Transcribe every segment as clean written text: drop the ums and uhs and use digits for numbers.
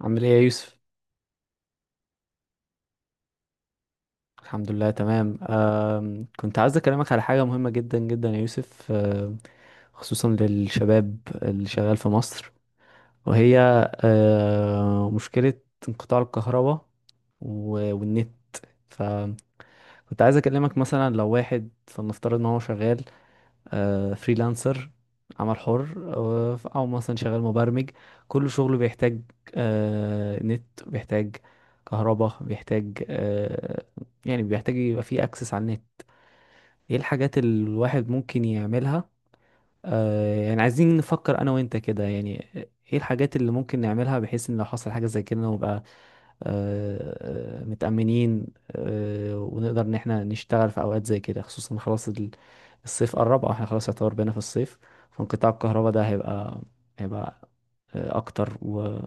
عامل ايه يا يوسف؟ الحمد لله تمام. كنت عايز اكلمك على حاجه مهمه جدا جدا يا يوسف، خصوصا للشباب اللي شغال في مصر. وهي مشكله انقطاع الكهرباء و- والنت. فكنت عايز اكلمك، مثلا لو واحد فلنفترض ان هو شغال فريلانسر، عمل حر، او مثلا شغال مبرمج. كل شغله بيحتاج نت، بيحتاج كهرباء، بيحتاج يعني بيحتاج يبقى فيه اكسس على النت. ايه الحاجات اللي الواحد ممكن يعملها؟ يعني عايزين نفكر انا وانت كده يعني. ايه الحاجات اللي ممكن نعملها بحيث ان لو حصل حاجة زي كده نبقى متأمنين ونقدر ان احنا نشتغل في اوقات زي كده، خصوصا خلاص ال- الصيف قرب، او احنا خلاص يعتبر بينا في الصيف. فانقطاع الكهرباء ده هيبقى اكتر و-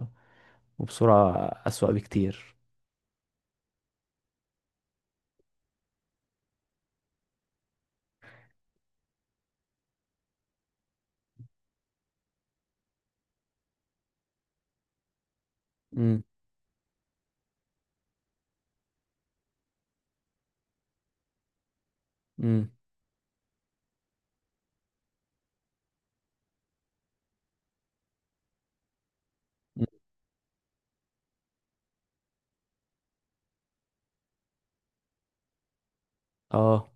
وبسرعة اسوأ بكتير. امم، امم. اه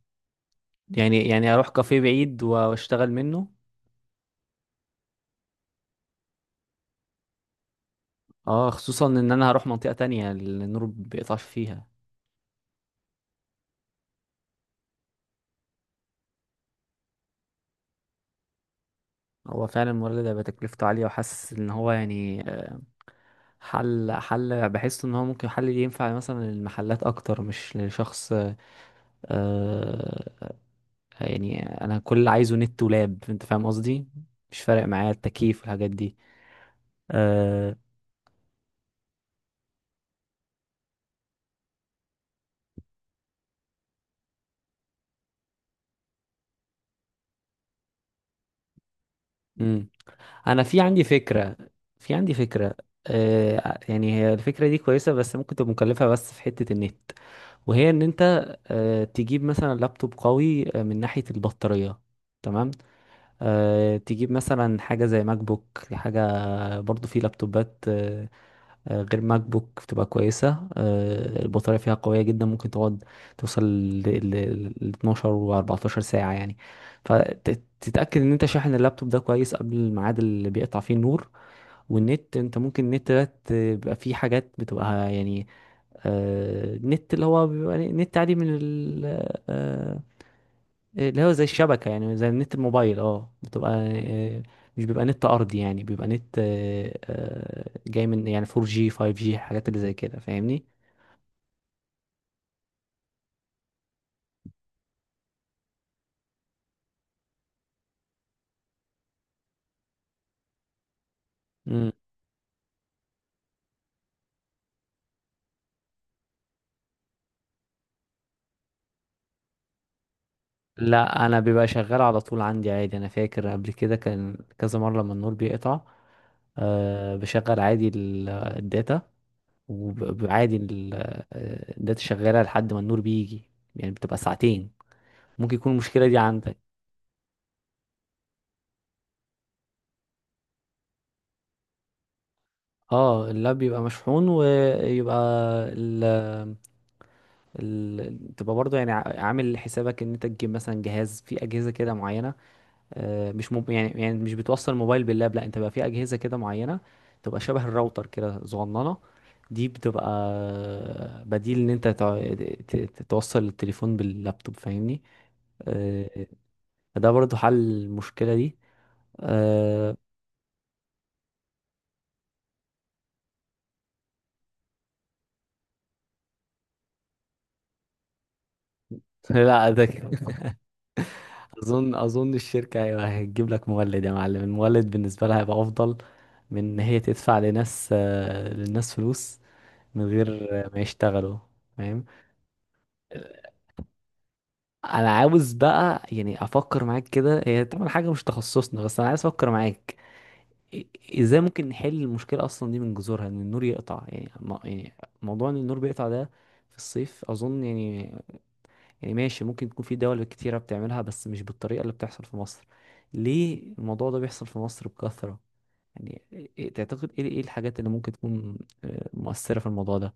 يعني، اروح كافيه بعيد واشتغل منه. اه، خصوصا ان انا هروح منطقة تانية اللي النور بيقطعش فيها. هو فعلا الموارد ده بتكلفته عالية، وحاسس ان هو يعني حل. بحس ان هو ممكن حل ينفع مثلا للمحلات اكتر مش لشخص. آه يعني انا كل اللي عايزه نت ولاب، انت فاهم قصدي. مش فارق معايا التكييف والحاجات دي. آه مم. انا في عندي فكرة. يعني هي الفكرة دي كويسة بس ممكن تبقى مكلفة، بس في حتة النت. وهي ان انت تجيب مثلا لابتوب قوي من ناحية البطارية. تمام. تجيب مثلا حاجة زي ماك بوك، حاجة برضو في لابتوبات غير ماك بوك بتبقى كويسة، البطارية فيها قوية جدا، ممكن تقعد توصل ل ل 12 و 14 ساعة يعني. فتتأكد ان انت شاحن اللابتوب ده كويس قبل الميعاد اللي بيقطع فيه النور. والنت، انت ممكن النت ده بيبقى فيه حاجات بتبقى يعني النت اللي هو بيبقى نت عادي من ال آه، اللي هو زي الشبكة، يعني زي النت الموبايل، اه بتبقى آه، مش بيبقى نت أرضي، يعني بيبقى نت جاي من يعني 4G 5G حاجات اللي زي كده، فاهمني. مم. لا، أنا بيبقى شغال على طول عندي عادي. أنا فاكر قبل كده كان كذا مرة لما النور بيقطع بشغل عادي ال- الداتا. وعادي الداتا شغالة لحد ما النور بيجي، يعني بتبقى ساعتين. ممكن يكون المشكلة دي عندك. اه، اللاب بيبقى مشحون ويبقى تبقى برضه، يعني عامل حسابك ان انت تجيب مثلا جهاز، في اجهزه كده معينه مش مب... يعني يعني مش بتوصل موبايل باللاب. لا، انت بقى في اجهزه كده معينه تبقى شبه الراوتر كده صغننه. دي بتبقى بديل ان انت توصل التليفون باللابتوب، فاهمني. آه، ده برضه حل المشكله دي. آه، لا ده كده اظن الشركه، ايوه، هتجيب لك مولد يا معلم. المولد بالنسبه لها هيبقى افضل من ان هي تدفع لناس آه، للناس فلوس من غير ما يشتغلوا. فاهم. انا عاوز بقى يعني افكر معاك كده، هي طبعا حاجه مش تخصصنا، بس انا عايز افكر معاك. ازاي ممكن نحل المشكله اصلا دي من جذورها، ان النور يقطع يعني يعني موضوع ان النور بيقطع ده في الصيف، اظن يعني. ماشي، ممكن تكون في دول كتيرة بتعملها بس مش بالطريقة اللي بتحصل في مصر. ليه الموضوع ده بيحصل في مصر بكثرة يعني؟ تعتقد ايه، الحاجات اللي ممكن تكون مؤثرة في الموضوع ده؟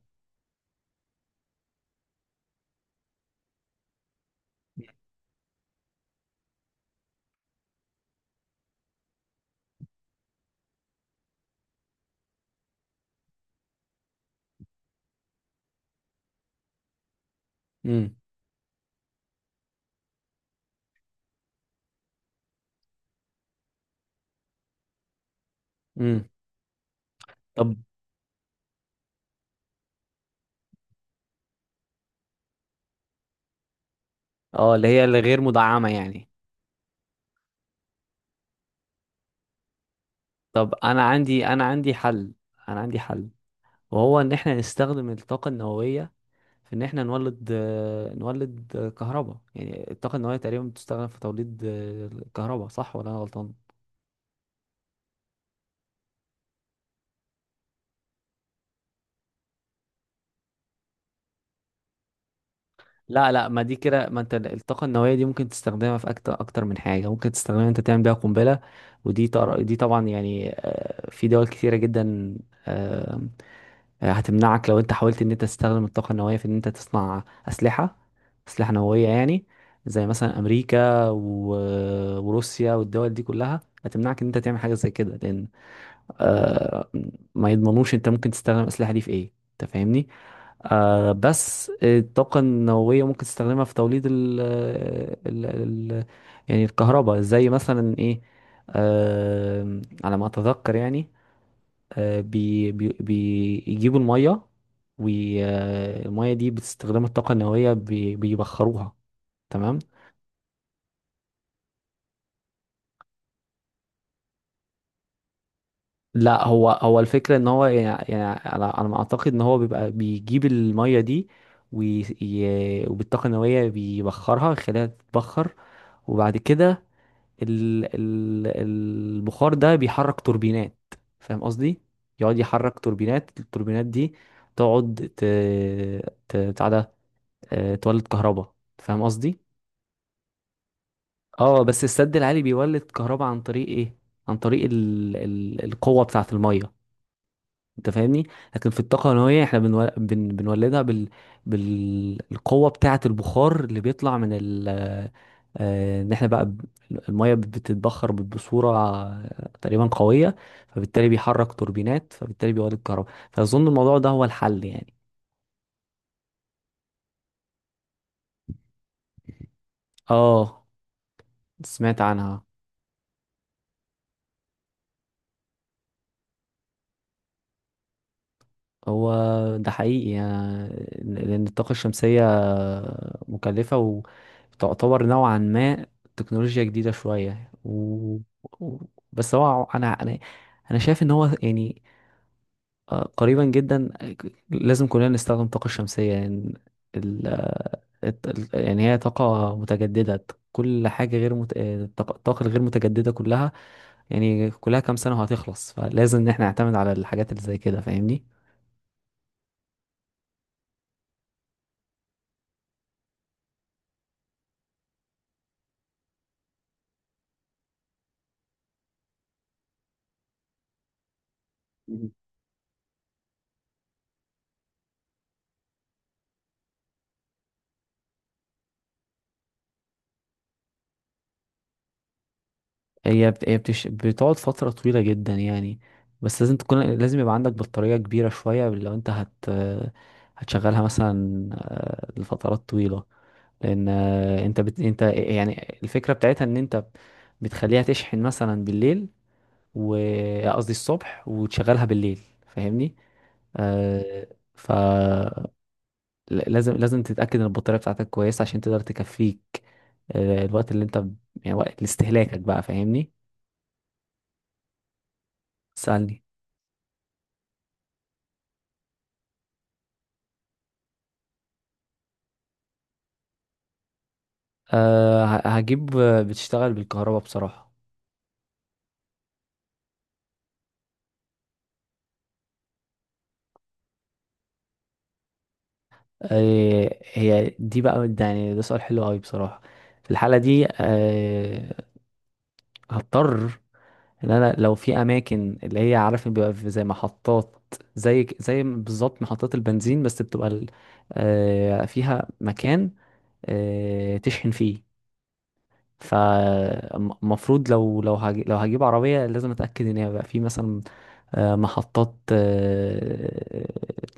امم، امم. طب، اه، اللي هي الغير مدعمة يعني. طب انا عندي حل، وهو ان احنا نستخدم الطاقة النووية في ان احنا نولد كهرباء. يعني الطاقة النووية تقريبا بتستخدم في توليد الكهرباء، صح ولا انا غلطان؟ لا، لا، ما دي كده. ما انت الطاقة النووية دي ممكن تستخدمها في أكتر أكتر من حاجة، ممكن تستخدمها انت تعمل بيها قنبلة، دي طبعا يعني في دول كتيرة جدا آه، هتمنعك لو انت حاولت ان انت تستخدم الطاقة النووية في ان انت تصنع أسلحة، أسلحة نووية يعني، زي مثلا أمريكا و... وروسيا والدول دي كلها هتمنعك ان انت تعمل حاجة زي كده، لأن آه ما يضمنوش انت ممكن تستخدم الاسلحه دي في ايه، انت فاهمني. بس الطاقه النوويه ممكن تستخدمها في توليد ال ال ال يعني الكهرباء، زي مثلا ايه، على ما اتذكر يعني. آه بي بي بيجيبوا الميه، والميه دي بتستخدم الطاقه النوويه بيبخروها. تمام. لا، هو الفكرة ان هو يعني، يعني انا ما اعتقد ان هو بيبقى بيجيب المية دي وي- ي- وبالطاقة النووية بيبخرها، يخليها تتبخر. وبعد كده ال ال البخار ده بيحرك توربينات، فاهم قصدي؟ يقعد يحرك توربينات، التوربينات دي تقعد ت ت بتاع ده آه، تولد كهرباء، فاهم قصدي؟ اه، بس السد العالي بيولد كهرباء عن طريق ايه؟ عن طريق ال القوة بتاعة المية. انت فاهمني. لكن في الطاقه النوويه احنا بنولدها بالقوه بتاعه البخار اللي بيطلع من ال آه، ان احنا بقى ب- الميه. بتتبخر بصوره تقريبا قويه، فبالتالي بيحرك توربينات، فبالتالي بيولد كهرباء، فاظن الموضوع ده هو الحل يعني. اه، سمعت عنها. هو ده حقيقي يعني، لأن الطاقة الشمسية مكلفة، وتعتبر نوعا ما تكنولوجيا جديدة شوية. و... بس هو أنا، شايف إن هو يعني قريبا جدا لازم كلنا نستخدم الطاقة الشمسية يعني. ال... آه، الت- ال- يعني هي طاقة متجددة، كل حاجة غير مت... آه، الطاقة الغير متجددة كلها، يعني كلها كام سنة وهتخلص، فلازم إن احنا نعتمد على الحاجات اللي زي كده، فاهمني؟ هي بت... هي بتش... بتقعد فترة طويلة جدا يعني. بس لازم تكون، لازم يبقى عندك بطارية كبيرة شوية لو انت هتشغلها مثلا لفترات طويلة، لأن انت يعني الفكرة بتاعتها ان انت بتخليها تشحن مثلا بالليل و آه، قصدي الصبح، وتشغلها بالليل، فاهمني؟ آه... ف لازم تتأكد ان البطارية بتاعتك كويسة عشان تقدر تكفيك الوقت اللي انت يعني وقت لاستهلاكك بقى، فاهمني؟ سألني. أه، هجيب بتشتغل بالكهرباء بصراحة. هي دي بقى، يعني ده سؤال حلو قوي بصراحة. في الحالة دي هضطر ان انا لو في اماكن اللي هي عارف إن بيبقى في زي محطات، زي زي بالظبط محطات البنزين، بس بتبقى ال- أه فيها مكان تشحن فيه. فالمفروض لو هجيب عربية لازم اتأكد ان هي بقى في مثلا محطات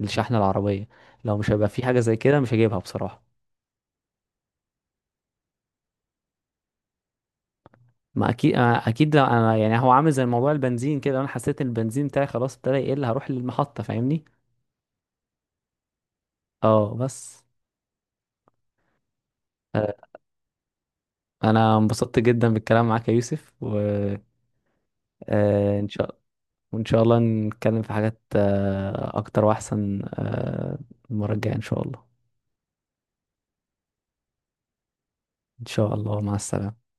الشحن العربية. لو مش هيبقى في حاجة زي كده مش هجيبها بصراحة. ما اكيد، أنا اكيد لو انا يعني هو عامل زي موضوع البنزين كده، لو انا حسيت ان البنزين بتاعي خلاص ابتدى يقل هروح للمحطة، فاهمني. اه، بس. آه، انا انبسطت جدا بالكلام معاك يا يوسف، شاء وان شاء الله نتكلم في حاجات اكتر واحسن المرة الجاية ان شاء الله. ان شاء الله، مع السلامة.